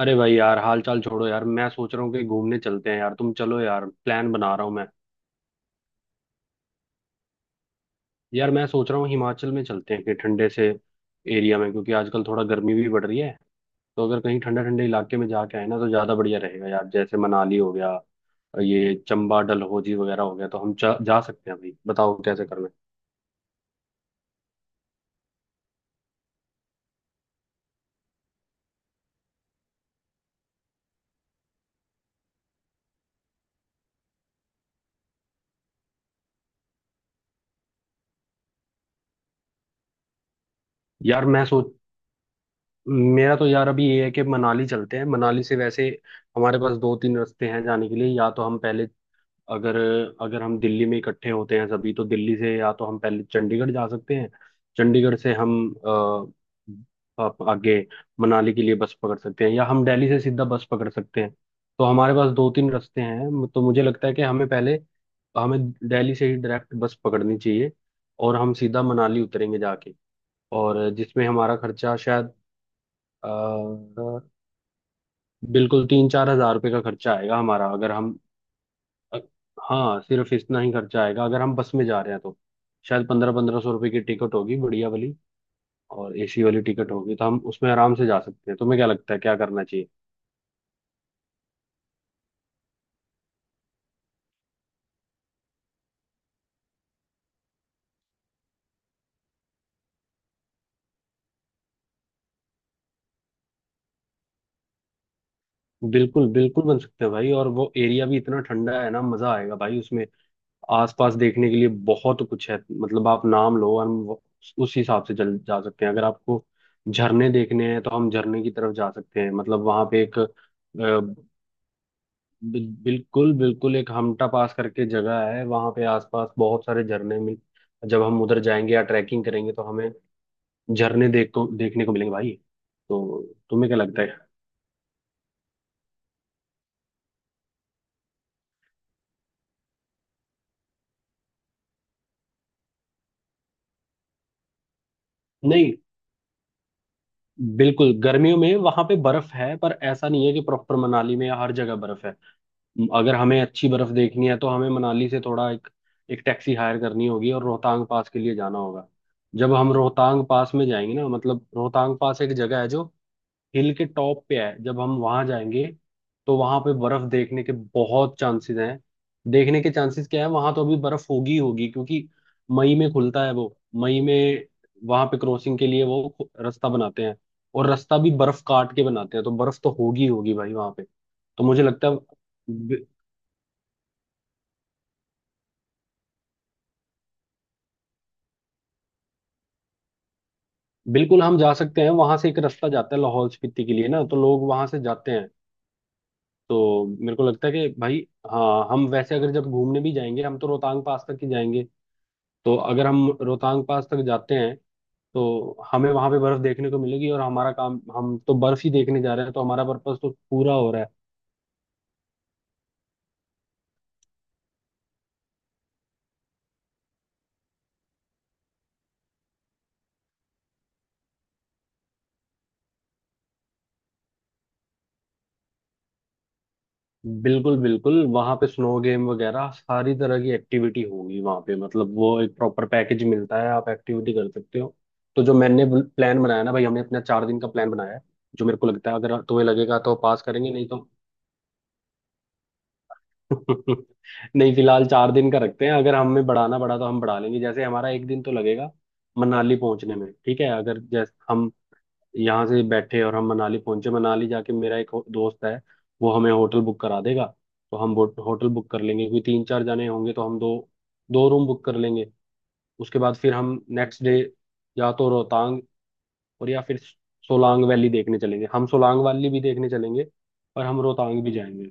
अरे भाई यार, हाल चाल छोड़ो यार। मैं सोच रहा हूँ कि घूमने चलते हैं यार, तुम चलो यार, प्लान बना रहा हूँ मैं। यार मैं सोच रहा हूँ हिमाचल में चलते हैं कि ठंडे से एरिया में, क्योंकि आजकल थोड़ा गर्मी भी बढ़ रही है। तो अगर कहीं ठंडे ठंडे इलाके में जाके आए ना तो ज़्यादा बढ़िया रहेगा यार। जैसे मनाली हो गया, ये चंबा, डलहौजी वगैरह हो गया। तो हम जा सकते हैं भाई, बताओ कैसे करना है। यार मैं सोच मेरा तो यार अभी ये है कि मनाली चलते हैं। मनाली से वैसे हमारे पास दो तीन रास्ते हैं जाने के लिए। या तो हम पहले, अगर अगर हम दिल्ली में इकट्ठे होते हैं सभी तो दिल्ली से या तो हम पहले चंडीगढ़ जा सकते हैं। चंडीगढ़ से हम अ, आगे मनाली के लिए बस पकड़ सकते हैं, या हम दिल्ली से सीधा बस पकड़ सकते हैं। तो हमारे पास दो तीन रास्ते हैं, तो मुझे लगता है कि हमें दिल्ली से ही डायरेक्ट बस पकड़नी चाहिए और हम सीधा मनाली उतरेंगे जाके। और जिसमें हमारा खर्चा शायद अ, बिल्कुल 3-4 हज़ार रुपये का खर्चा आएगा हमारा, अगर हम अ- हाँ, सिर्फ इतना ही खर्चा आएगा अगर हम बस में जा रहे हैं तो। शायद 1500-1500 रुपए की टिकट होगी, बढ़िया वाली और एसी वाली टिकट होगी, तो हम उसमें आराम से जा सकते हैं। तुम्हें क्या लगता है क्या करना चाहिए? बिल्कुल बिल्कुल बन सकते हैं भाई। और वो एरिया भी इतना ठंडा है ना, मजा आएगा भाई उसमें। आसपास देखने के लिए बहुत कुछ है, मतलब आप नाम लो और हम उस हिसाब से चल जा सकते हैं। अगर आपको झरने देखने हैं तो हम झरने की तरफ जा सकते हैं, मतलब वहां पे एक, बिल्कुल बिल्कुल एक हमटा पास करके जगह है वहां पे, आसपास बहुत सारे झरने मिल, जब हम उधर जाएंगे या ट्रैकिंग करेंगे तो हमें झरने देख को देखने को मिलेंगे भाई। तो तुम्हें क्या लगता है? नहीं, बिल्कुल गर्मियों में वहां पे बर्फ है पर ऐसा नहीं है कि प्रॉपर मनाली में हर जगह बर्फ है। अगर हमें अच्छी बर्फ देखनी है तो हमें मनाली से थोड़ा एक एक टैक्सी हायर करनी होगी और रोहतांग पास के लिए जाना होगा। जब हम रोहतांग पास में जाएंगे ना, मतलब रोहतांग पास एक जगह है जो हिल के टॉप पे है। जब हम वहां जाएंगे तो वहां पे बर्फ देखने के बहुत चांसेस हैं। देखने के चांसेस क्या है, वहां तो अभी बर्फ होगी ही होगी, क्योंकि मई में खुलता है वो। मई में वहां पे क्रॉसिंग के लिए वो रास्ता बनाते हैं, और रास्ता भी बर्फ काट के बनाते हैं, तो बर्फ तो होगी ही होगी भाई वहां पे। तो मुझे लगता है बि- बिल्कुल हम जा सकते हैं, वहां से एक रास्ता जाता है लाहौल स्पीति के लिए ना, तो लोग वहां से जाते हैं। तो मेरे को लगता है कि भाई, हाँ हम वैसे अगर जब घूमने भी जाएंगे हम तो रोहतांग पास तक ही जाएंगे। तो अगर हम रोहतांग पास तक जाते हैं तो हमें वहां पे बर्फ देखने को मिलेगी, और हमारा काम, हम तो बर्फ ही देखने जा रहे हैं तो हमारा पर्पस तो पूरा हो रहा है। बिल्कुल बिल्कुल, वहां पे स्नो गेम वगैरह सारी तरह की एक्टिविटी होगी वहां पे, मतलब वो एक प्रॉपर पैकेज मिलता है, आप एक्टिविटी कर सकते हो। तो जो मैंने प्लान बनाया ना भाई, हमने अपना 4 दिन का प्लान बनाया है, जो मेरे को लगता है अगर तुम्हें लगेगा तो पास करेंगे, नहीं तो। नहीं, फिलहाल 4 दिन का रखते हैं, अगर हमें बढ़ाना पड़ा तो हम बढ़ा लेंगे। जैसे हमारा एक दिन तो लगेगा मनाली पहुंचने में, ठीक है, अगर जैसे हम यहाँ से बैठे और हम मनाली पहुंचे। मनाली जाके मेरा एक दोस्त है, वो हमें होटल बुक करा देगा, तो हम होटल बुक कर लेंगे, क्योंकि 3-4 जने होंगे तो हम दो दो रूम बुक कर लेंगे। उसके बाद फिर हम नेक्स्ट डे या तो रोहतांग, और या फिर सोलांग वैली देखने चलेंगे। हम सोलांग वैली भी देखने चलेंगे और हम रोहतांग भी जाएंगे।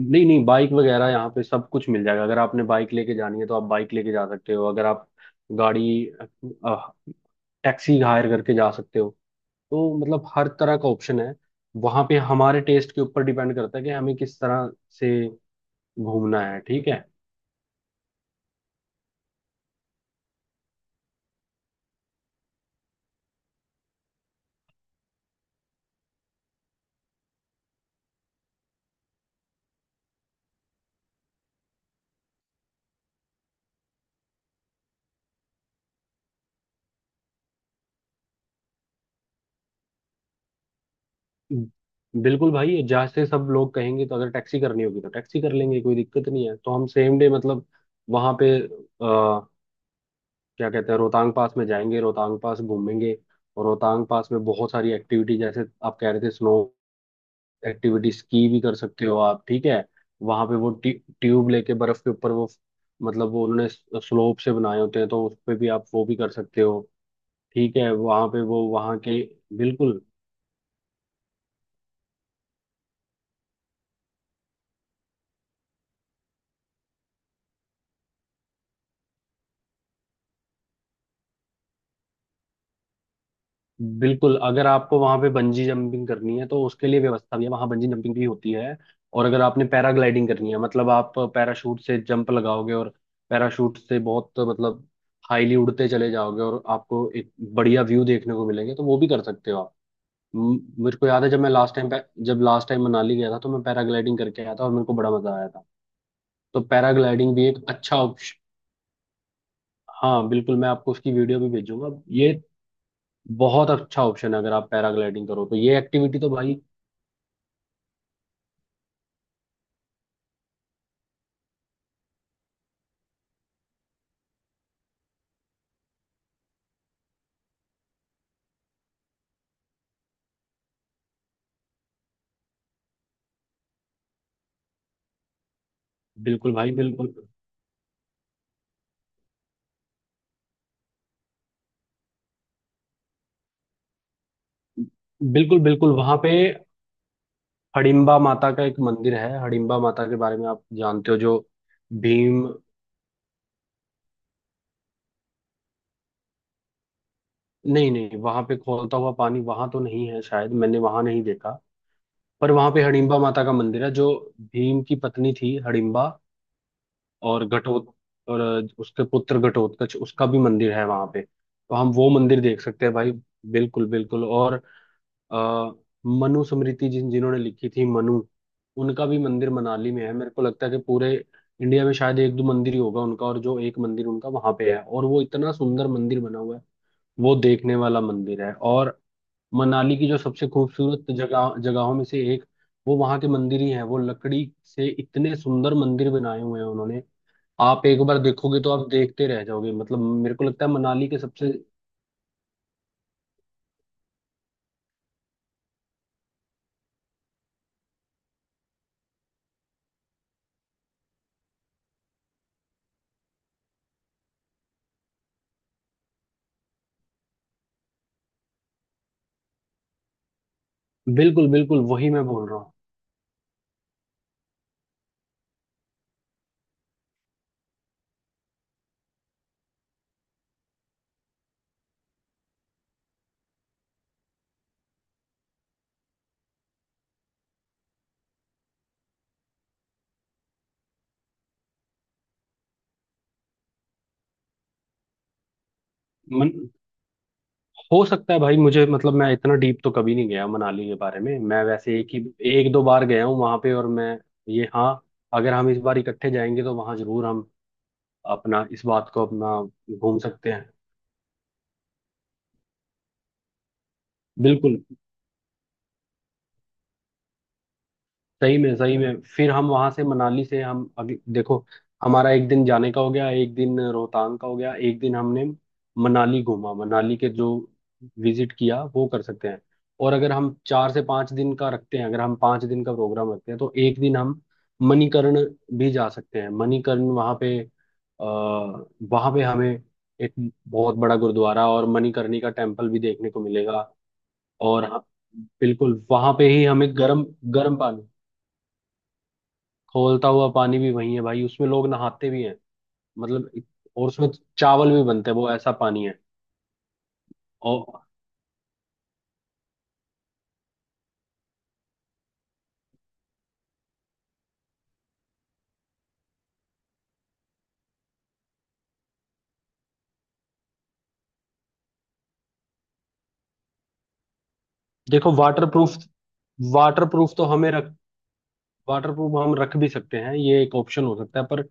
नहीं नहीं, बाइक वगैरह यहाँ पे सब कुछ मिल जाएगा, अगर आपने बाइक लेके जानी है तो आप बाइक लेके जा सकते हो। अगर आप गाड़ी, टैक्सी हायर करके जा सकते हो, तो मतलब हर तरह का ऑप्शन है वहाँ पे। हमारे टेस्ट के ऊपर डिपेंड करता है कि हमें किस तरह से घूमना है, ठीक है। बिल्कुल भाई, जहाँ से सब लोग कहेंगे, तो अगर टैक्सी करनी होगी तो टैक्सी कर लेंगे, कोई दिक्कत नहीं है। तो हम सेम डे मतलब वहाँ पे क्या कहते हैं, रोहतांग पास में जाएंगे, रोहतांग पास घूमेंगे। और रोहतांग पास में बहुत सारी एक्टिविटी, जैसे आप कह रहे थे स्नो एक्टिविटी, स्की भी कर सकते हो आप, ठीक है। वहां पे वो ट्यूब लेके बर्फ के ऊपर वो, मतलब वो उन्होंने स्लोप से बनाए होते हैं, तो उस पे भी आप वो भी कर सकते हो, ठीक है वहां पे वो, वहां के। बिल्कुल बिल्कुल, अगर आपको वहां पे बंजी जंपिंग करनी है तो उसके लिए व्यवस्था भी है, वहां बंजी जंपिंग भी होती है। और अगर आपने पैराग्लाइडिंग करनी है, मतलब आप पैराशूट से जंप लगाओगे और पैराशूट से बहुत मतलब हाईली उड़ते चले जाओगे और आपको एक बढ़िया व्यू देखने को मिलेंगे, तो वो भी कर सकते हो आप। मेरे को याद है जब लास्ट टाइम मनाली गया था तो मैं पैराग्लाइडिंग करके आया था और मेरे को बड़ा मजा आया था। तो पैराग्लाइडिंग भी एक अच्छा ऑप्शन। हाँ बिल्कुल, मैं आपको उसकी वीडियो भी भेजूंगा, ये बहुत अच्छा ऑप्शन है, अगर आप पैराग्लाइडिंग करो तो ये एक्टिविटी तो भाई। बिल्कुल भाई, बिल्कुल बिल्कुल बिल्कुल वहां पे हडिम्बा माता का एक मंदिर है। हडिम्बा माता के बारे में आप जानते हो, जो भीम। नहीं नहीं, वहां पे खौलता हुआ पानी वहां तो नहीं है, शायद मैंने वहां नहीं देखा। पर वहां पे हडिम्बा माता का मंदिर है, जो भीम की पत्नी थी हडिम्बा। और घटोत और उसके पुत्र घटोत्कच, उसका भी मंदिर है वहां पे, तो हम वो मंदिर देख सकते हैं भाई। बिल्कुल बिल्कुल, और अ, मनु स्मृति जिन जिन्होंने लिखी थी मनु, उनका भी मंदिर मनाली में है। मेरे को लगता है कि पूरे इंडिया में शायद एक दो मंदिर ही होगा उनका, और जो एक मंदिर उनका वहां पे है, और वो इतना सुंदर मंदिर बना हुआ है। वो देखने वाला मंदिर है, और मनाली की जो सबसे खूबसूरत जगहों में से एक, वो वहां के मंदिर ही है। वो लकड़ी से इतने सुंदर मंदिर बनाए हुए हैं उन्होंने। आप एक बार देखोगे तो आप देखते रह जाओगे, मतलब मेरे को लगता है मनाली के सबसे। बिल्कुल बिल्कुल, वही मैं बोल रहा हूँ। मन, हो सकता है भाई, मुझे मतलब मैं इतना डीप तो कभी नहीं गया मनाली के बारे में। मैं वैसे एक दो बार गया हूँ वहां पे, और मैं, ये हाँ, अगर हम इस बार इकट्ठे जाएंगे तो वहां जरूर हम अपना, इस बात को अपना घूम सकते हैं। बिल्कुल, सही में फिर हम वहां से, मनाली से हम अभी देखो, हमारा एक दिन जाने का हो गया, एक दिन रोहतांग का हो गया, एक दिन हमने मनाली घूमा, मनाली के जो विजिट किया वो कर सकते हैं। और अगर हम 4 से 5 दिन का रखते हैं, अगर हम 5 दिन का प्रोग्राम रखते हैं तो एक दिन हम मणिकर्ण भी जा सकते हैं। मणिकर्ण वहां पे, आ, वहां पे हमें एक बहुत बड़ा गुरुद्वारा और मणिकर्णी का टेम्पल भी देखने को मिलेगा। और हम- बिल्कुल वहां पे ही हमें गर्म गर्म पानी, खौलता हुआ पानी भी वही है भाई, उसमें लोग नहाते भी हैं, मतलब और उसमें चावल भी बनते हैं, वो ऐसा पानी है। और देखो, वाटर प्रूफ तो हमें रख वाटर प्रूफ हम रख भी सकते हैं, ये एक ऑप्शन हो सकता है, पर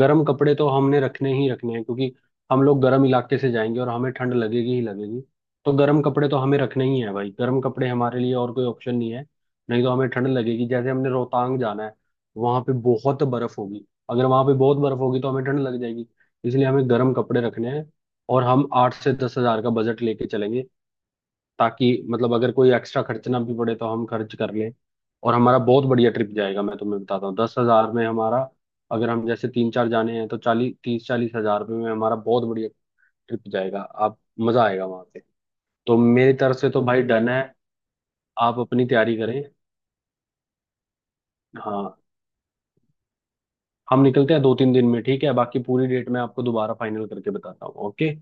गर्म कपड़े तो हमने रखने ही रखने हैं, क्योंकि हम लोग गर्म इलाके से जाएंगे और हमें ठंड लगेगी ही लगेगी। तो गर्म कपड़े तो हमें रखने ही है भाई, गर्म कपड़े हमारे लिए और कोई ऑप्शन नहीं है, नहीं तो हमें ठंड लगेगी। जैसे हमने रोहतांग जाना है, वहां पे बहुत बर्फ होगी, अगर वहां पे बहुत बर्फ होगी तो हमें ठंड लग जाएगी, इसलिए हमें गर्म कपड़े रखने हैं। और हम 8 से 10 हज़ार का बजट लेके चलेंगे, ताकि मतलब अगर कोई एक्स्ट्रा खर्चना भी पड़े तो हम खर्च कर लें, और हमारा बहुत बढ़िया ट्रिप जाएगा। मैं तुम्हें बताता हूँ 10 हज़ार में हमारा, अगर हम जैसे तीन चार जाने हैं तो चालीस, 30-40 हज़ार रुपये में हमारा बहुत बढ़िया ट्रिप जाएगा। आप मजा आएगा वहां पे। तो मेरी तरफ से तो भाई डन है, आप अपनी तैयारी करें। हाँ, हम निकलते हैं 2-3 दिन में, ठीक है, बाकी पूरी डेट मैं आपको दोबारा फाइनल करके बताता हूँ, ओके।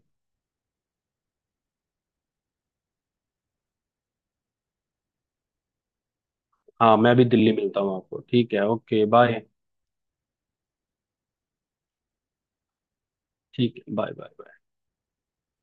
हाँ, मैं भी दिल्ली मिलता हूँ आपको, ठीक है, ओके बाय। ठीक है बाय बाय।